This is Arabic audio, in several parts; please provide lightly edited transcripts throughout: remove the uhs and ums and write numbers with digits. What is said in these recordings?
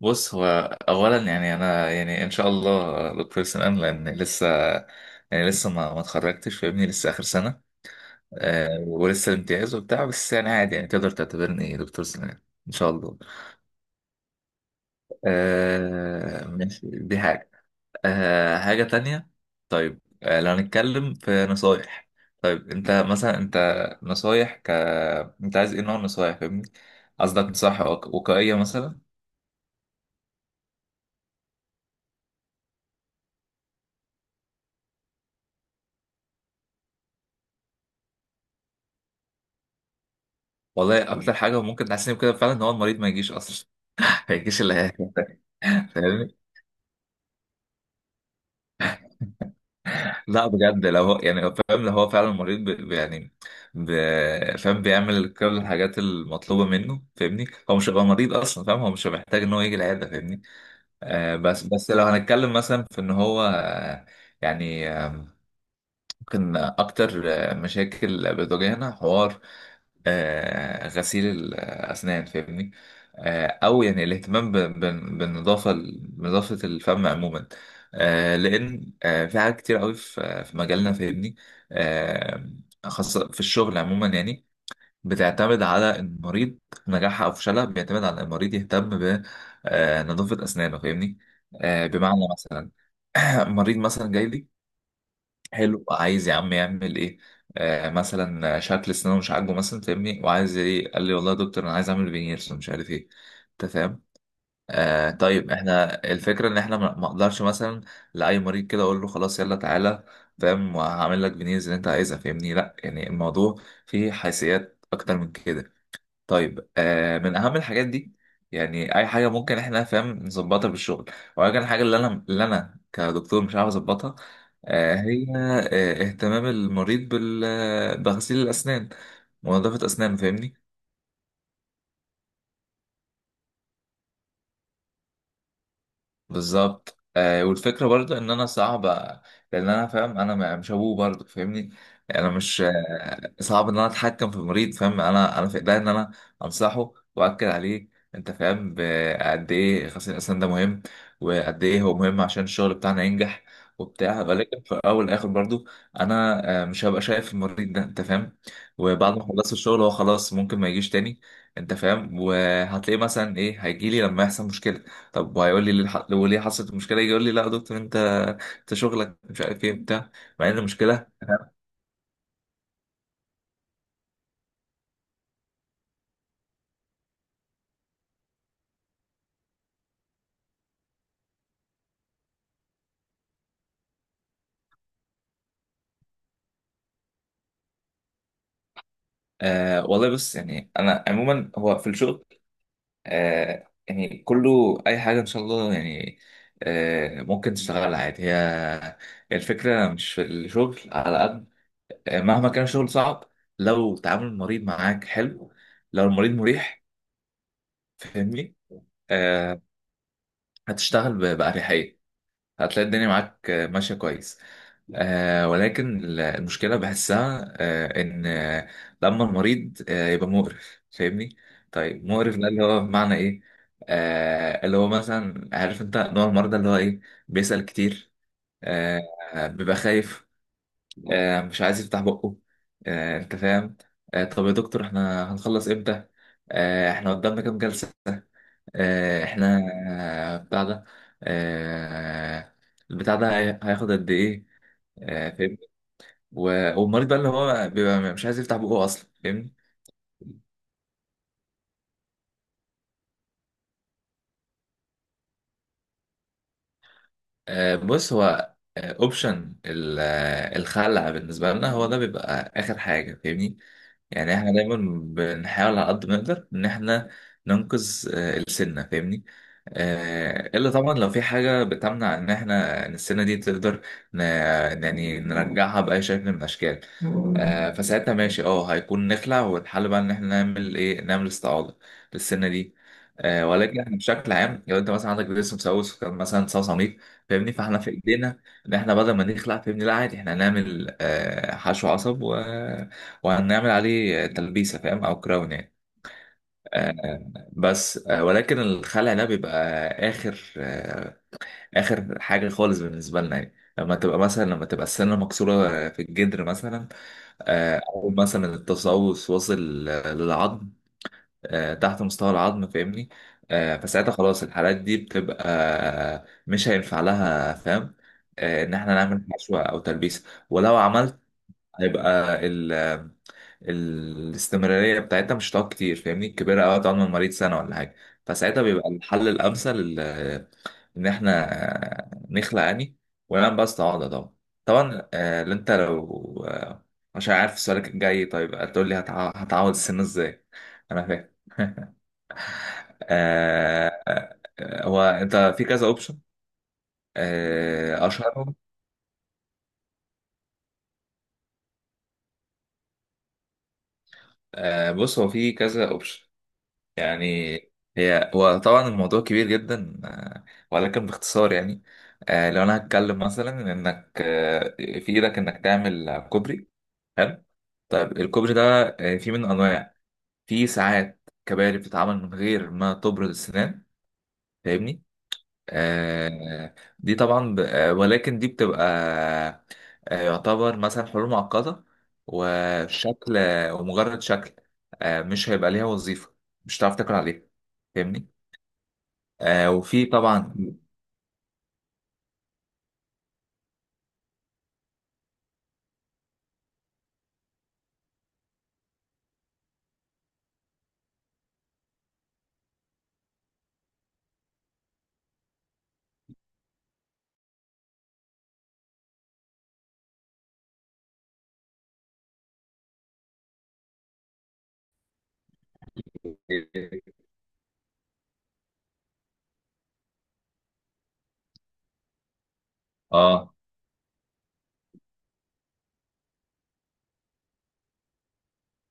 بص، هو اولا، يعني انا يعني ان شاء الله دكتور سنان لان لسه، يعني لسه ما اتخرجتش، فاهمني، لسه اخر سنه. ولسه الامتياز وبتاع، بس يعني عادي، يعني تقدر تعتبرني دكتور سنان ان شاء الله. ماشي، دي حاجه. حاجه تانية. طيب، لو هنتكلم في نصايح. طيب انت مثلا، انت نصايح ك انت عايز ايه نوع النصايح، فاهمني، قصدك نصايح وقائيه مثلا؟ والله اكتر حاجه ممكن تحسني بكده فعلا ان هو المريض ما يجيش اصلا، هيكيس فاهمني؟ لا بجد، لو هو يعني فاهم، لو هو فعلا مريض، يعني ب... فاهم، بيعمل كل الحاجات المطلوبة منه، فاهمني، هو مش هيبقى مريض اصلا، فاهم، هو مش محتاج ان هو يجي العيادة، فاهمني. بس لو هنتكلم مثلا في ان هو، يعني ممكن اكتر مشاكل بتواجهنا حوار، غسيل الأسنان، فاهمني. أو يعني الاهتمام بالنظافة، نظافة الفم عموما، لأن في حاجات كتير قوي في مجالنا، فاهمني، آه، خاصة في الشغل عموما، يعني بتعتمد على المريض، نجاحها أو فشلها بيعتمد على المريض يهتم بنظافة أسنانه، فاهمني. بمعنى مثلا، مريض مثلا جاي لي، حلو، عايز يا عم يعمل ايه، مثلا شكل سنانه مش عاجبه مثلا، فاهمني، وعايز ايه، قال لي والله يا دكتور انا عايز اعمل فينيرز ومش عارف ايه، انت فاهم. طيب، احنا الفكره ان احنا ما اقدرش مثلا لاي مريض كده اقول له خلاص يلا تعالى، فاهم، وهعمل لك فينيرز اللي انت عايزها، فاهمني، لا، يعني الموضوع فيه حيثيات اكتر من كده. طيب، من اهم الحاجات دي، يعني اي حاجه ممكن احنا، فاهم، نظبطها بالشغل، ولكن الحاجه اللي انا كدكتور مش عارف اظبطها، هي اهتمام المريض بال آه، بغسيل الاسنان، ونظافه اسنانه، فاهمني. بالظبط، والفكره برضو ان انا صعب، لان انا فاهم انا مش ابوه برضو، فاهمني. يعني انا مش، صعب ان انا اتحكم في المريض، فاهم، انا، في ايديا ان انا انصحه واكد عليه، انت فاهم، قد ايه غسيل الاسنان ده مهم، وقد ايه هو مهم عشان الشغل بتاعنا ينجح وبتاع، ولكن في الاول والاخر برضو، انا مش هبقى شايف المريض ده، انت فاهم. وبعد ما خلصت الشغل، هو خلاص ممكن ما يجيش تاني، انت فاهم، وهتلاقيه مثلا ايه، هيجي لي لما يحصل مشكله. طب وهيقول لي ليه، الح- لو ليه حصلت المشكله، يجي يقول لي لا يا دكتور، انت شغلك مش عارف ايه بتاع، مع ان المشكله، والله بص، يعني انا عموما هو في الشغل، يعني كله اي حاجه ان شاء الله، يعني ممكن تشتغلها عادي. هي الفكره مش في الشغل على قد، مهما كان الشغل صعب، لو تعامل المريض معاك حلو، لو المريض مريح، فاهمني، آه هتشتغل بأريحية، هتلاقي الدنيا معاك، ماشية كويس. ولكن المشكلة بحسها، إن، لما المريض يبقى مقرف، فاهمني؟ طيب، مقرف ده اللي هو بمعنى إيه؟ اللي هو مثلا، عارف أنت نوع المرضى اللي هو إيه؟ بيسأل كتير، آه بيبقى خايف، مش عايز يفتح بقه، أنت فاهم؟ طب يا دكتور إحنا هنخلص إمتى؟ إحنا قدامنا كام جلسة؟ إحنا بتاع ده، آه البتاع ده هياخد قد إيه؟ فاهمني؟ والمريض بقى اللي هو بيبقى مش عايز يفتح بقه اصلا، فاهمني. بص، هو اوبشن الخلع بالنسبه لنا هو ده بيبقى اخر حاجه، فاهمني، يعني احنا دايما بنحاول على قد ما نقدر ان احنا ننقذ السنة، فاهمني. الا طبعا لو في حاجة بتمنع ان احنا إن السنة دي تقدر ن- يعني نرجعها بأي شكل من الاشكال، فساعتها ماشي، هيكون نخلع، والحل بقى ان احنا نعمل ايه، نعمل استعاضة للسنة دي. ولكن احنا بشكل عام، لو انت مثلا عندك جسم مسوس وكان مثلا صميم، فاهمني، فاحنا في ايدينا ان احنا بدل ما نخلع، فاهمني، لا عادي، احنا هنعمل حشو عصب، وهنعمل عليه تلبيسة، فاهم، أو كراون يعني، بس ولكن الخلع ده بيبقى آخر، آخر حاجة خالص بالنسبة لنا، يعني لما تبقى مثلا، لما تبقى السنة مكسورة في الجدر مثلا، أو مثلا التسوس واصل للعظم، تحت مستوى العظم، فاهمني، فساعتها خلاص، الحالات دي بتبقى مش هينفع لها، فاهم، إن إحنا نعمل حشوة أو تلبيسة، ولو عملت هيبقى الاستمرارية بتاعتها مش هتقعد كتير، فاهمني، الكبيرة أوي هتقعد من المريض سنة ولا حاجة. فساعتها بيبقى الحل الأمثل، إن إحنا نخلع يعني، ونعمل بقى استعاضة، طبعا. طبعا اللي أنت لو عشان عارف سؤالك الجاي، طيب، هتقول لي هتعوض السن إزاي، أنا فاهم آه، هو أنت في كذا أوبشن، أشهرهم، بص هو في كذا أوبشن يعني، هو طبعا الموضوع كبير جدا، ولكن باختصار يعني، لو انا هتكلم مثلا انك في ايدك انك تعمل كوبري، حلو، طيب الكوبري ده في منه انواع، في ساعات كباري بتتعمل من غير ما تبرد السنان، فاهمني. دي طبعا، ولكن دي بتبقى يعتبر مثلا حلول معقدة، وشكل، ومجرد شكل، مش هيبقى ليها وظيفة، مش هتعرف تاكل عليها، فاهمني. وفي طبعا. اه,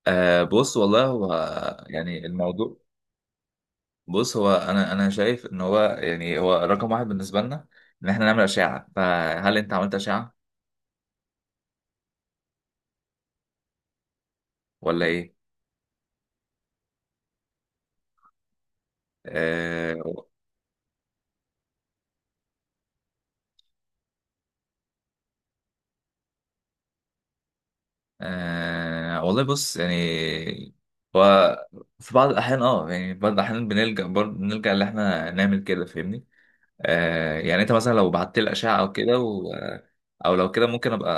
بص والله، هو يعني الموضوع، بص هو انا شايف ان هو يعني هو رقم واحد بالنسبه لنا، ان احنا نعمل اشعه، فهل انت عملت اشعه ولا ايه؟ آه والله بص، يعني هو في بعض الاحيان، يعني في بعض الاحيان بنلجا ان احنا نعمل كده، فاهمني؟ يعني انت مثلا، لو بعت لي الاشعه او كده او لو كده ممكن ابقى،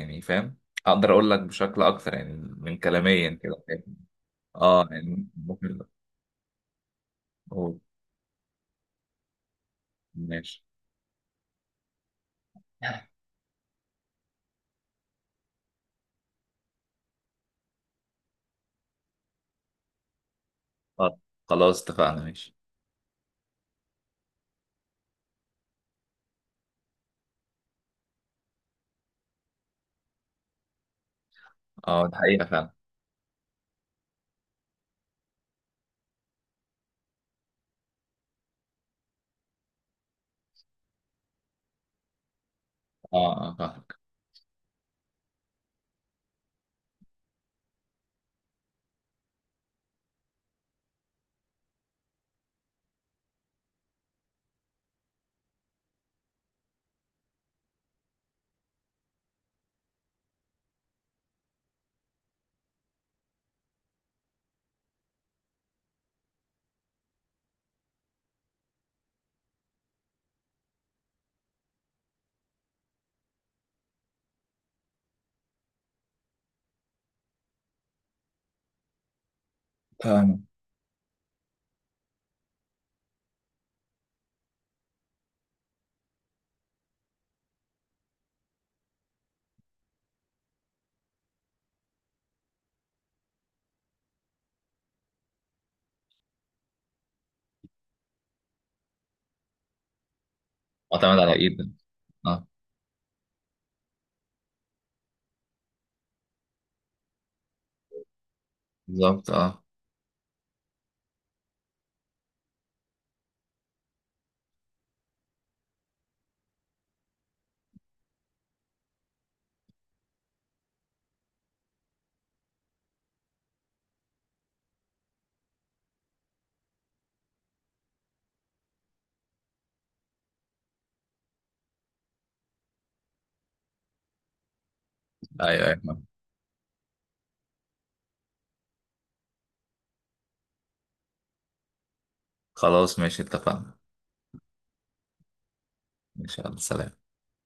يعني فاهم، اقدر اقول لك بشكل اكتر يعني من كلاميا كده، فاهم؟ اه، يعني ممكن. أقول. ماشي. آه، خلاص اتفقنا. ماشي. اه، ده حقيقة فعلا. اه، اه، فاهمك. فاهم. اعتمد على ايد. اه، بالظبط. اه. ايوه، ايوه. خلاص ماشي، اتفقنا ان شاء الله. سلام.